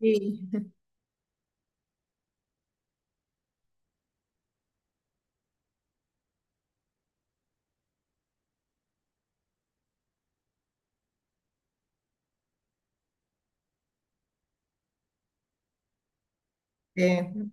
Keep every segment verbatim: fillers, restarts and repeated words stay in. Sì. Sì.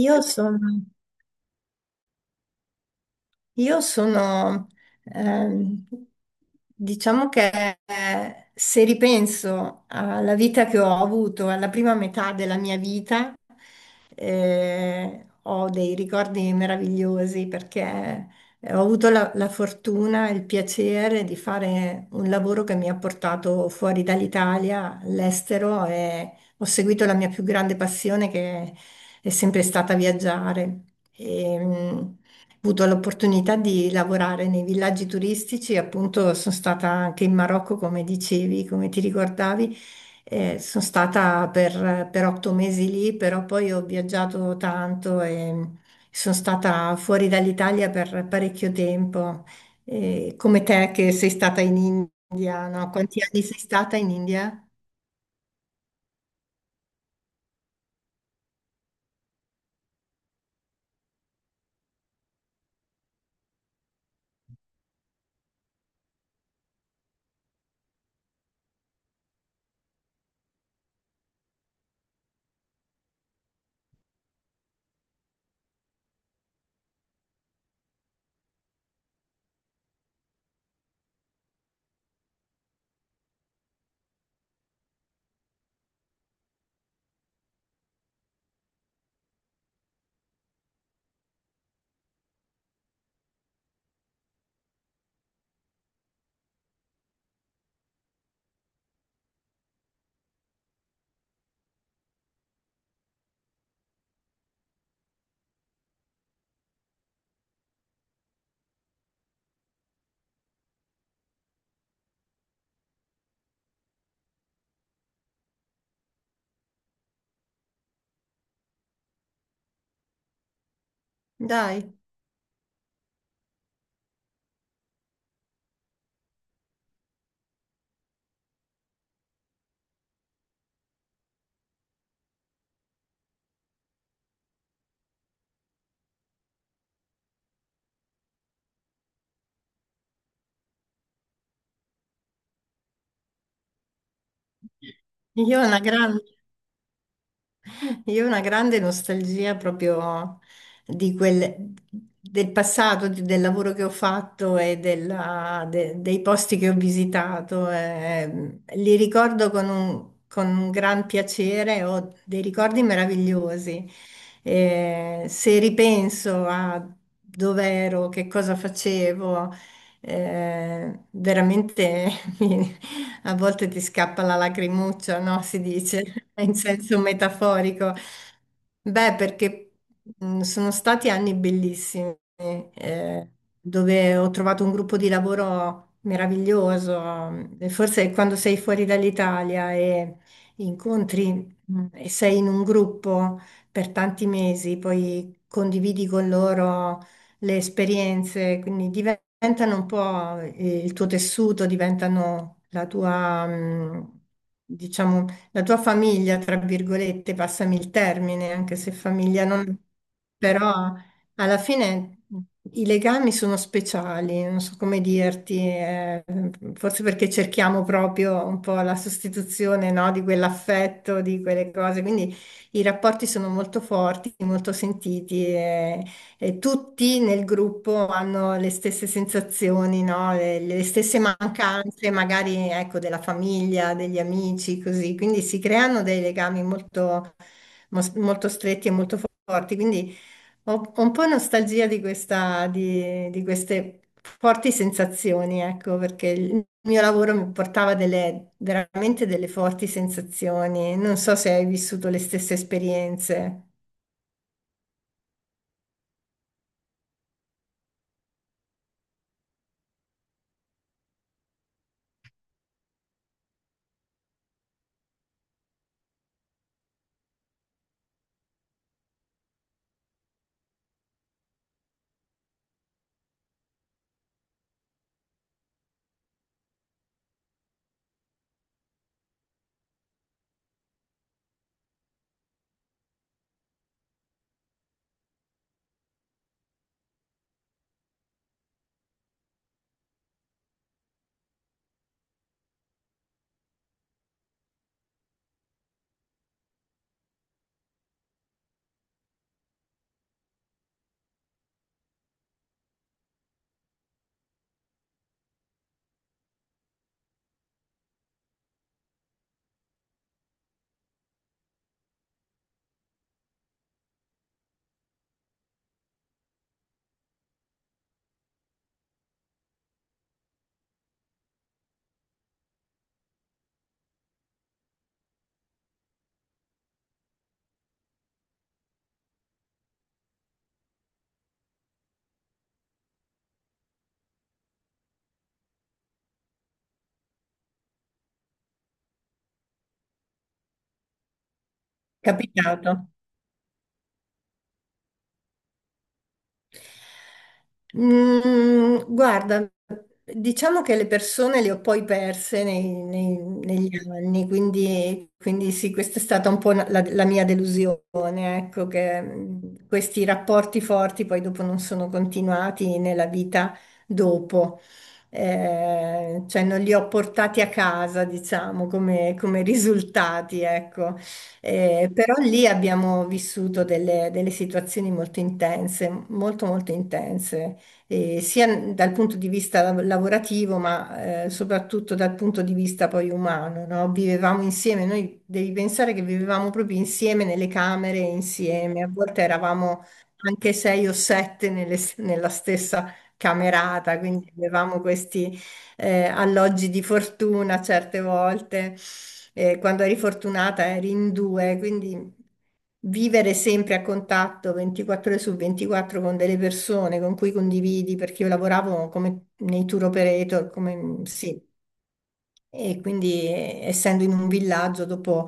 Io sono, Io sono, ehm, diciamo che eh, se ripenso alla vita che ho avuto, alla prima metà della mia vita, eh, ho dei ricordi meravigliosi perché eh, ho avuto la, la fortuna e il piacere di fare un lavoro che mi ha portato fuori dall'Italia, all'estero e ho seguito la mia più grande passione che è sempre stata viaggiare. E, avuto l'opportunità di lavorare nei villaggi turistici, appunto sono stata anche in Marocco, come dicevi, come ti ricordavi. Eh, sono stata per, per otto mesi lì, però poi ho viaggiato tanto e sono stata fuori dall'Italia per parecchio tempo. Eh, come te che sei stata in India, no? Quanti anni sei stata in India? Dai, io una grande. Io ho una grande nostalgia proprio di quel, del passato, di- del lavoro che ho fatto e della- de- dei posti che ho visitato. Eh, li ricordo con un, con un gran piacere, ho dei ricordi meravigliosi. Eh, se ripenso a dove ero, che cosa facevo, eh, veramente mi- a volte ti scappa la lacrimuccia, no? Si dice in senso metaforico. Beh, perché mh, sono stati anni bellissimi, eh, dove ho trovato un gruppo di lavoro meraviglioso. E forse quando sei fuori dall'Italia e incontri mh, e sei in un gruppo per tanti mesi, poi condividi con loro le esperienze, quindi diventano un po' eh, il tuo tessuto, diventano la tua, mh, diciamo, la tua famiglia, tra virgolette, passami il termine, anche se famiglia non... Però alla fine i legami sono speciali, non so come dirti, eh, forse perché cerchiamo proprio un po' la sostituzione, no, di quell'affetto, di quelle cose, quindi i rapporti sono molto forti, molto sentiti e e tutti nel gruppo hanno le stesse sensazioni, no? Le, le stesse mancanze, magari ecco, della famiglia, degli amici, così. Quindi si creano dei legami molto, mos- molto stretti e molto forti. Quindi ho, ho un po' nostalgia di questa, di, di queste forti sensazioni, ecco, perché il mio lavoro mi portava delle, veramente delle forti sensazioni. Non so se hai vissuto le stesse esperienze. Capitato? Mm, guarda, diciamo che le persone le ho poi perse nei- nei- negli anni, quindi, quindi sì, questa è stata un po' una- la, la mia delusione, ecco, che mm, questi rapporti forti poi dopo non sono continuati nella vita dopo. Eh, cioè non li ho portati a casa, diciamo, come, come risultati, ecco. Eh, però lì abbiamo vissuto delle, delle situazioni molto intense, molto molto intense, eh, sia dal punto di vista lav- lavorativo, ma eh, soprattutto dal punto di vista poi umano, no? Vivevamo insieme, noi devi pensare che vivevamo proprio insieme nelle camere, insieme, a volte eravamo anche sei o sette nelle- nella stessa camerata, quindi avevamo questi eh, alloggi di fortuna certe volte, eh, quando eri fortunata eri in due, quindi vivere sempre a contatto ventiquattro ore su ventiquattro con delle persone con cui condividi, perché io lavoravo come nei tour operator, come, sì, e quindi, eh, essendo in un villaggio, dopo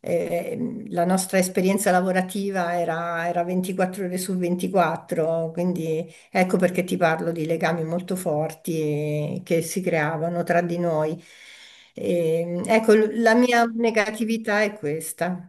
eh, la nostra esperienza lavorativa era, era ventiquattro ore su ventiquattro, quindi ecco perché ti parlo di legami molto forti eh, che si creavano tra di noi. E, ecco, l- la mia negatività è questa.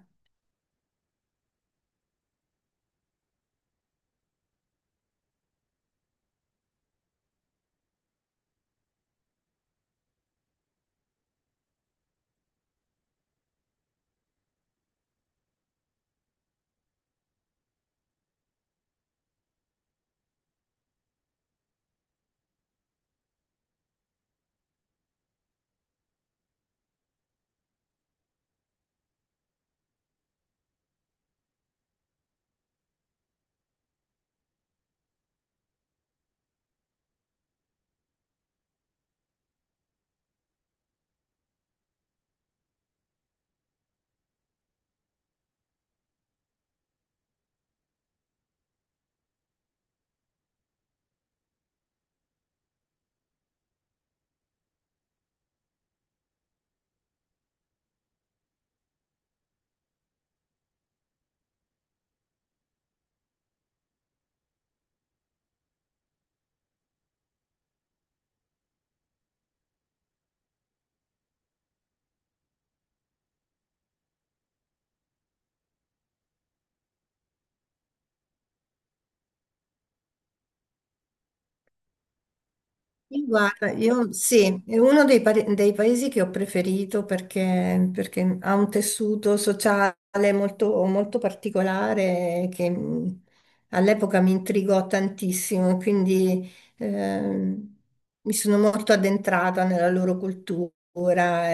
Sì, guarda, io sì, è uno dei, pa- dei paesi che ho preferito perché, perché ha un tessuto sociale molto, molto particolare che mh, all'epoca mi intrigò tantissimo, quindi ehm, mi sono molto addentrata nella loro cultura.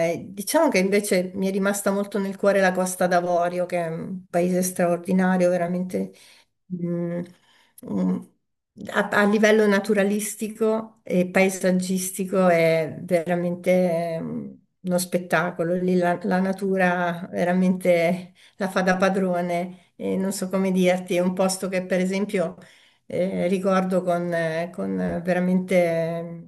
E diciamo che invece mi è rimasta molto nel cuore la Costa d'Avorio, che è un paese straordinario, veramente. Mm, mm, a, a livello naturalistico e paesaggistico è veramente ehm, uno spettacolo. Lì la, la natura veramente la fa da padrone e non so come dirti, è un posto che per esempio eh, ricordo con, eh, con veramente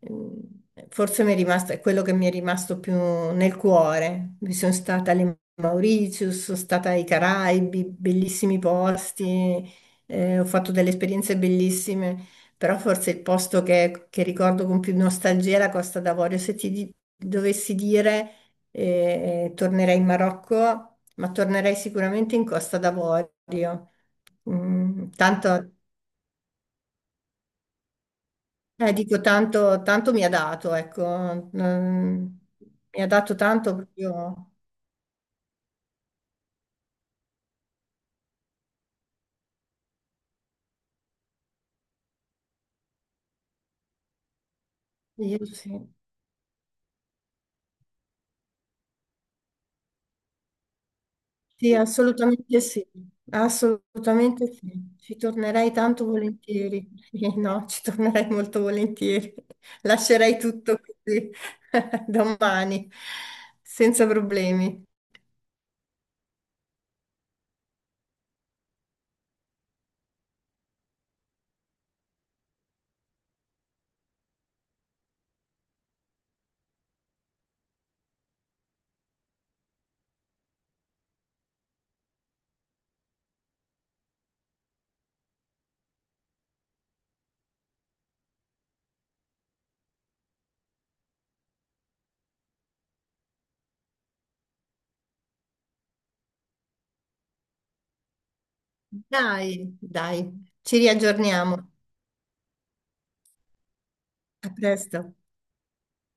Ehm, forse mi è rimasto, è quello che mi è rimasto più nel cuore. Mi sono stata alle Mauritius, sono stata ai Caraibi, bellissimi posti, eh, ho fatto delle esperienze bellissime, però forse il posto che, che ricordo con più nostalgia è la Costa d'Avorio. Se ti di- dovessi dire, eh, tornerei in Marocco, ma tornerei sicuramente in Costa d'Avorio. Mm, tanto eh, dico, tanto, tanto mi ha dato, ecco, mm, mi ha dato tanto proprio. Io sì, sì, assolutamente sì, assolutamente sì. Ci tornerei tanto volentieri. Sì, no, ci tornerei molto volentieri. Lascerei tutto così domani, senza problemi. Dai, dai, ci riaggiorniamo. A presto.